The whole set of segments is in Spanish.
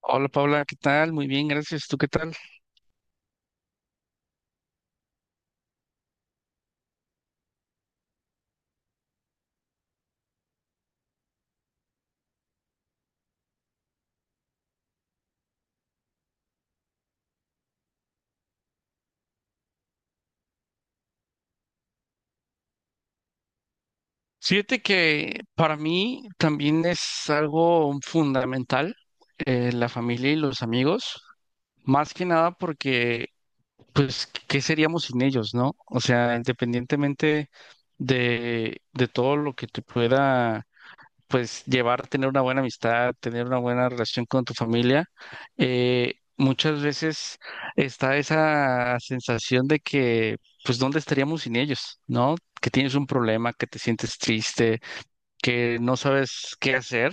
Hola Paula, ¿qué tal? Muy bien, gracias. ¿Tú qué tal? Fíjate que para mí también es algo fundamental, la familia y los amigos, más que nada porque, pues, ¿qué seríamos sin ellos, no? O sea, independientemente de todo lo que te pueda, pues, llevar, tener una buena amistad, tener una buena relación con tu familia. Muchas veces está esa sensación de que, pues, ¿dónde estaríamos sin ellos? ¿No? Que tienes un problema, que te sientes triste, que no sabes qué hacer,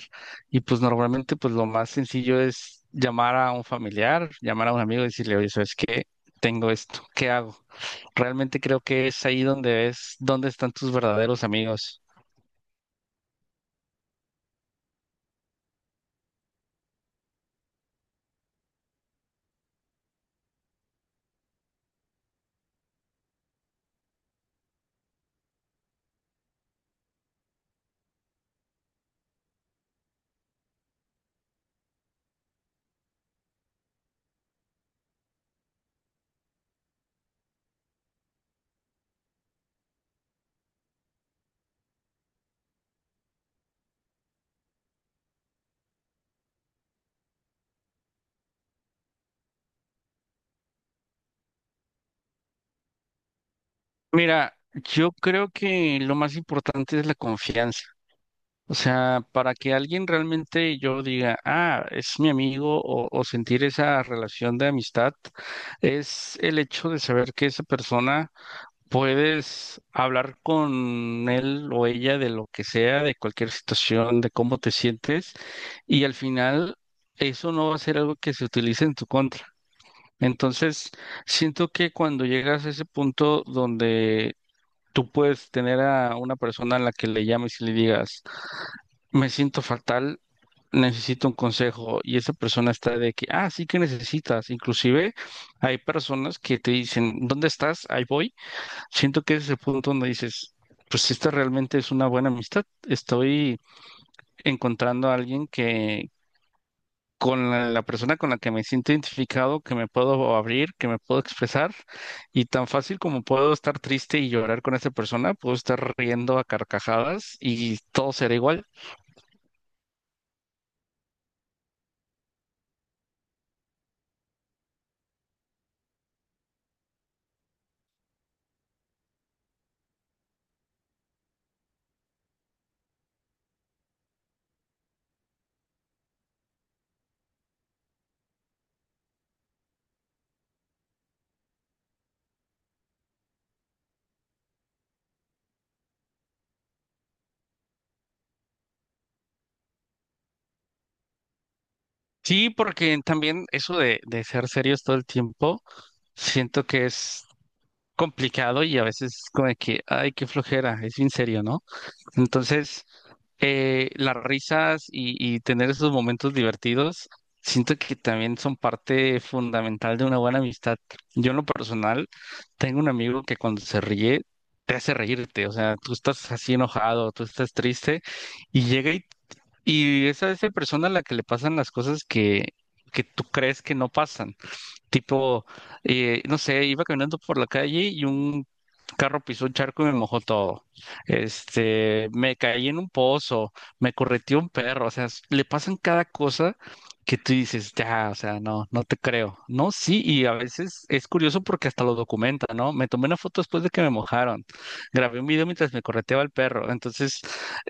y pues normalmente, pues, lo más sencillo es llamar a un familiar, llamar a un amigo y decirle, oye, ¿sabes qué? Tengo esto, ¿qué hago? Realmente creo que es ahí donde es, dónde están tus verdaderos amigos. Mira, yo creo que lo más importante es la confianza. O sea, para que alguien realmente yo diga, ah, es mi amigo o sentir esa relación de amistad, es el hecho de saber que esa persona, puedes hablar con él o ella de lo que sea, de cualquier situación, de cómo te sientes, y al final eso no va a ser algo que se utilice en tu contra. Entonces, siento que cuando llegas a ese punto donde tú puedes tener a una persona a la que le llames y le digas, me siento fatal, necesito un consejo, y esa persona está de que, ah, sí que necesitas. Inclusive hay personas que te dicen, ¿dónde estás? Ahí voy. Siento que ese es el punto donde dices, pues si esta realmente es una buena amistad. Estoy encontrando a alguien que con la persona con la que me siento identificado, que me puedo abrir, que me puedo expresar, y tan fácil como puedo estar triste y llorar con esa persona, puedo estar riendo a carcajadas y todo será igual. Sí, porque también eso de ser serios todo el tiempo, siento que es complicado, y a veces como de que, ay, qué flojera, es bien serio, ¿no? Entonces... Las risas y tener esos momentos divertidos, siento que también son parte fundamental de una buena amistad. Yo en lo personal tengo un amigo que cuando se ríe te hace reírte, o sea, tú estás así enojado, tú estás triste y llega y es a esa persona a la que le pasan las cosas que tú crees que no pasan. Tipo, no sé, iba caminando por la calle y un carro pisó un charco y me mojó todo. Este, me caí en un pozo, me correteó un perro, o sea, s- le pasan cada cosa que tú dices, ya, o sea, no, no te creo. No, sí, y a veces es curioso porque hasta lo documenta, ¿no? Me tomé una foto después de que me mojaron, grabé un video mientras me correteaba el perro, entonces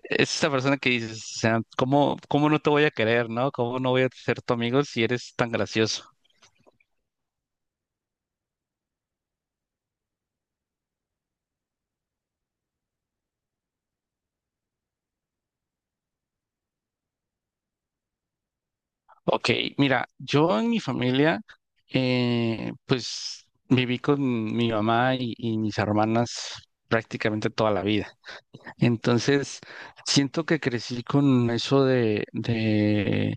es esa persona que dices, o sea, ¿cómo, cómo no te voy a querer, ¿no? ¿Cómo no voy a ser tu amigo si eres tan gracioso? Ok, mira, yo en mi familia, pues viví con mi mamá y mis hermanas prácticamente toda la vida. Entonces, siento que crecí con eso de, de,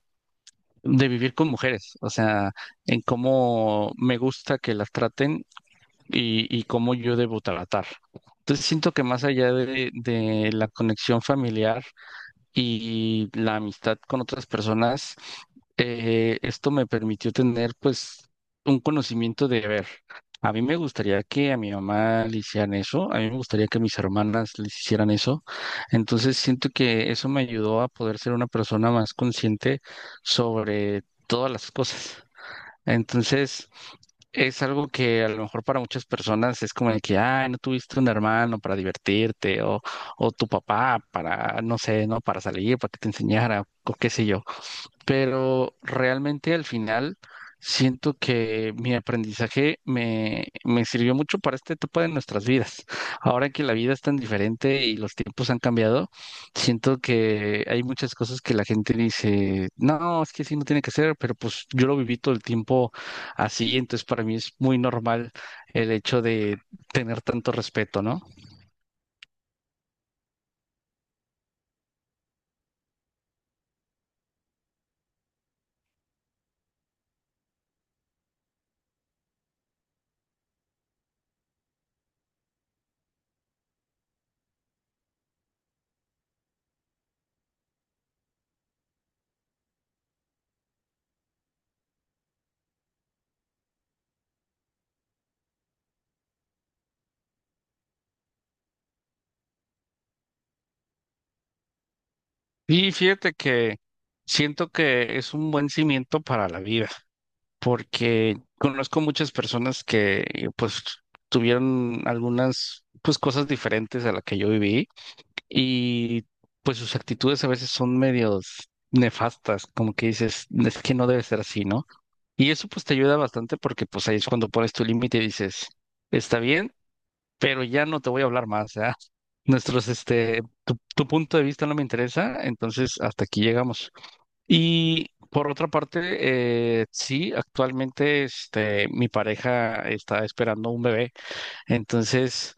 de vivir con mujeres, o sea, en cómo me gusta que las traten y cómo yo debo tratar. Entonces, siento que más allá de la conexión familiar y la amistad con otras personas, esto me permitió tener, pues, un conocimiento de ver. A mí me gustaría que a mi mamá le hicieran eso, a mí me gustaría que mis hermanas les hicieran eso. Entonces siento que eso me ayudó a poder ser una persona más consciente sobre todas las cosas. Entonces... Es algo que a lo mejor para muchas personas es como de que, ay, no tuviste un hermano para divertirte, o tu papá para, no sé, ¿no? Para salir, para que te enseñara, o qué sé yo. Pero realmente al final siento que mi aprendizaje me, me sirvió mucho para esta etapa de nuestras vidas. Ahora que la vida es tan diferente y los tiempos han cambiado, siento que hay muchas cosas que la gente dice, no, es que así no tiene que ser, pero pues yo lo viví todo el tiempo así, entonces para mí es muy normal el hecho de tener tanto respeto, ¿no? Y fíjate que siento que es un buen cimiento para la vida, porque conozco muchas personas que, pues, tuvieron algunas, pues, cosas diferentes a la que yo viví, y pues sus actitudes a veces son medios nefastas, como que dices, es que no debe ser así, ¿no? Y eso pues te ayuda bastante porque pues ahí es cuando pones tu límite y dices, está bien, pero ya no te voy a hablar más, ¿ya? Nuestros, este, tu punto de vista no me interesa, entonces hasta aquí llegamos. Y por otra parte, sí, actualmente este, mi pareja está esperando un bebé, entonces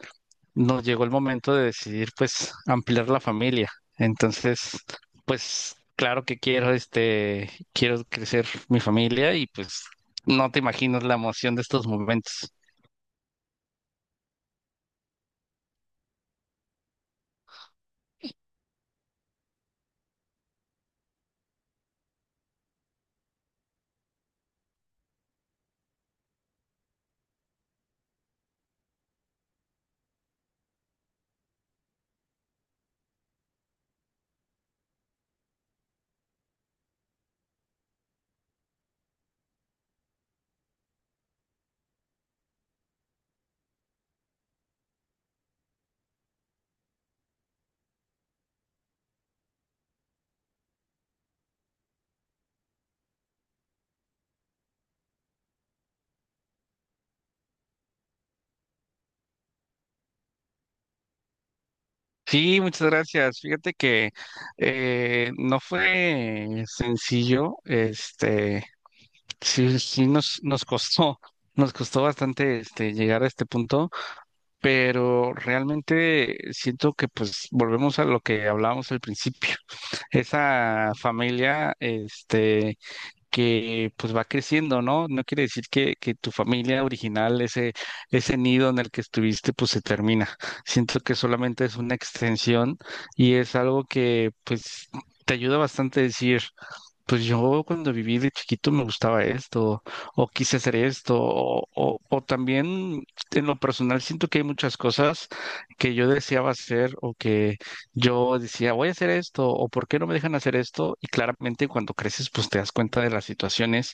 nos llegó el momento de decidir pues ampliar la familia. Entonces, pues claro que quiero este, quiero crecer mi familia y pues no te imaginas la emoción de estos momentos. Sí, muchas gracias. Fíjate que no fue sencillo, este. Sí, sí nos costó, nos costó bastante este llegar a este punto, pero realmente siento que pues volvemos a lo que hablábamos al principio. Esa familia, este, que pues va creciendo, ¿no? No quiere decir que tu familia original, ese nido en el que estuviste, pues se termina. Siento que solamente es una extensión y es algo que pues te ayuda bastante a decir, pues yo cuando viví de chiquito me gustaba esto, o quise hacer esto, o también en lo personal siento que hay muchas cosas que yo deseaba hacer o que yo decía, voy a hacer esto, o por qué no me dejan hacer esto, y claramente cuando creces pues te das cuenta de las situaciones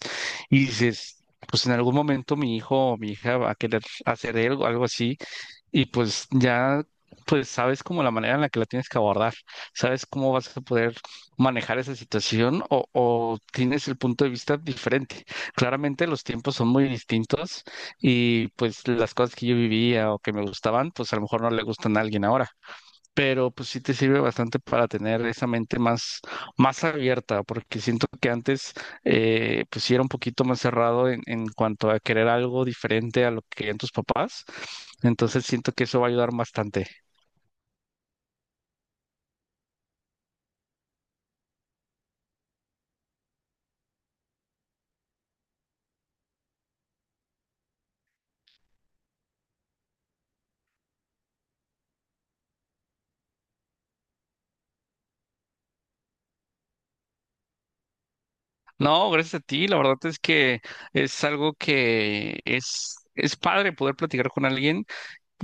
y dices... Pues en algún momento mi hijo o mi hija va a querer hacer algo, algo así, y pues ya, pues sabes como la manera en la que la tienes que abordar, sabes cómo vas a poder manejar esa situación o tienes el punto de vista diferente. Claramente los tiempos son muy distintos y pues las cosas que yo vivía o que me gustaban, pues a lo mejor no le gustan a alguien ahora, pero pues sí te sirve bastante para tener esa mente más, más abierta, porque siento que antes, pues sí era un poquito más cerrado en cuanto a querer algo diferente a lo que querían tus papás, entonces siento que eso va a ayudar bastante. No, gracias a ti, la verdad es que es algo que es... Es padre poder platicar con alguien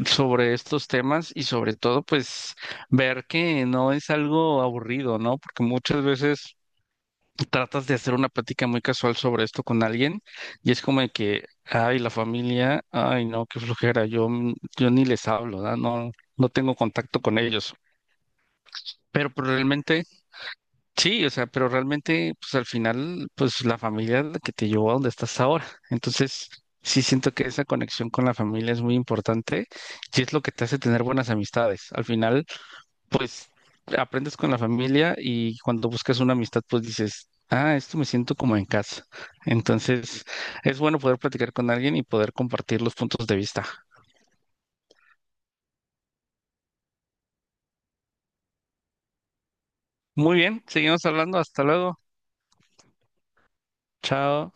sobre estos temas y sobre todo pues ver que no es algo aburrido, ¿no? Porque muchas veces tratas de hacer una plática muy casual sobre esto con alguien y es como de que, ay, la familia, ay, no, qué flojera, yo, yo ni les hablo, ¿verdad? No, no tengo contacto con ellos. Pero realmente, sí, o sea, pero realmente, pues al final, pues la familia es la que te llevó a donde estás ahora. Entonces, sí siento que esa conexión con la familia es muy importante y es lo que te hace tener buenas amistades. Al final, pues aprendes con la familia y cuando buscas una amistad, pues dices, ah, esto me siento como en casa. Entonces, es bueno poder platicar con alguien y poder compartir los puntos de vista. Muy bien, seguimos hablando. Hasta luego. Chao.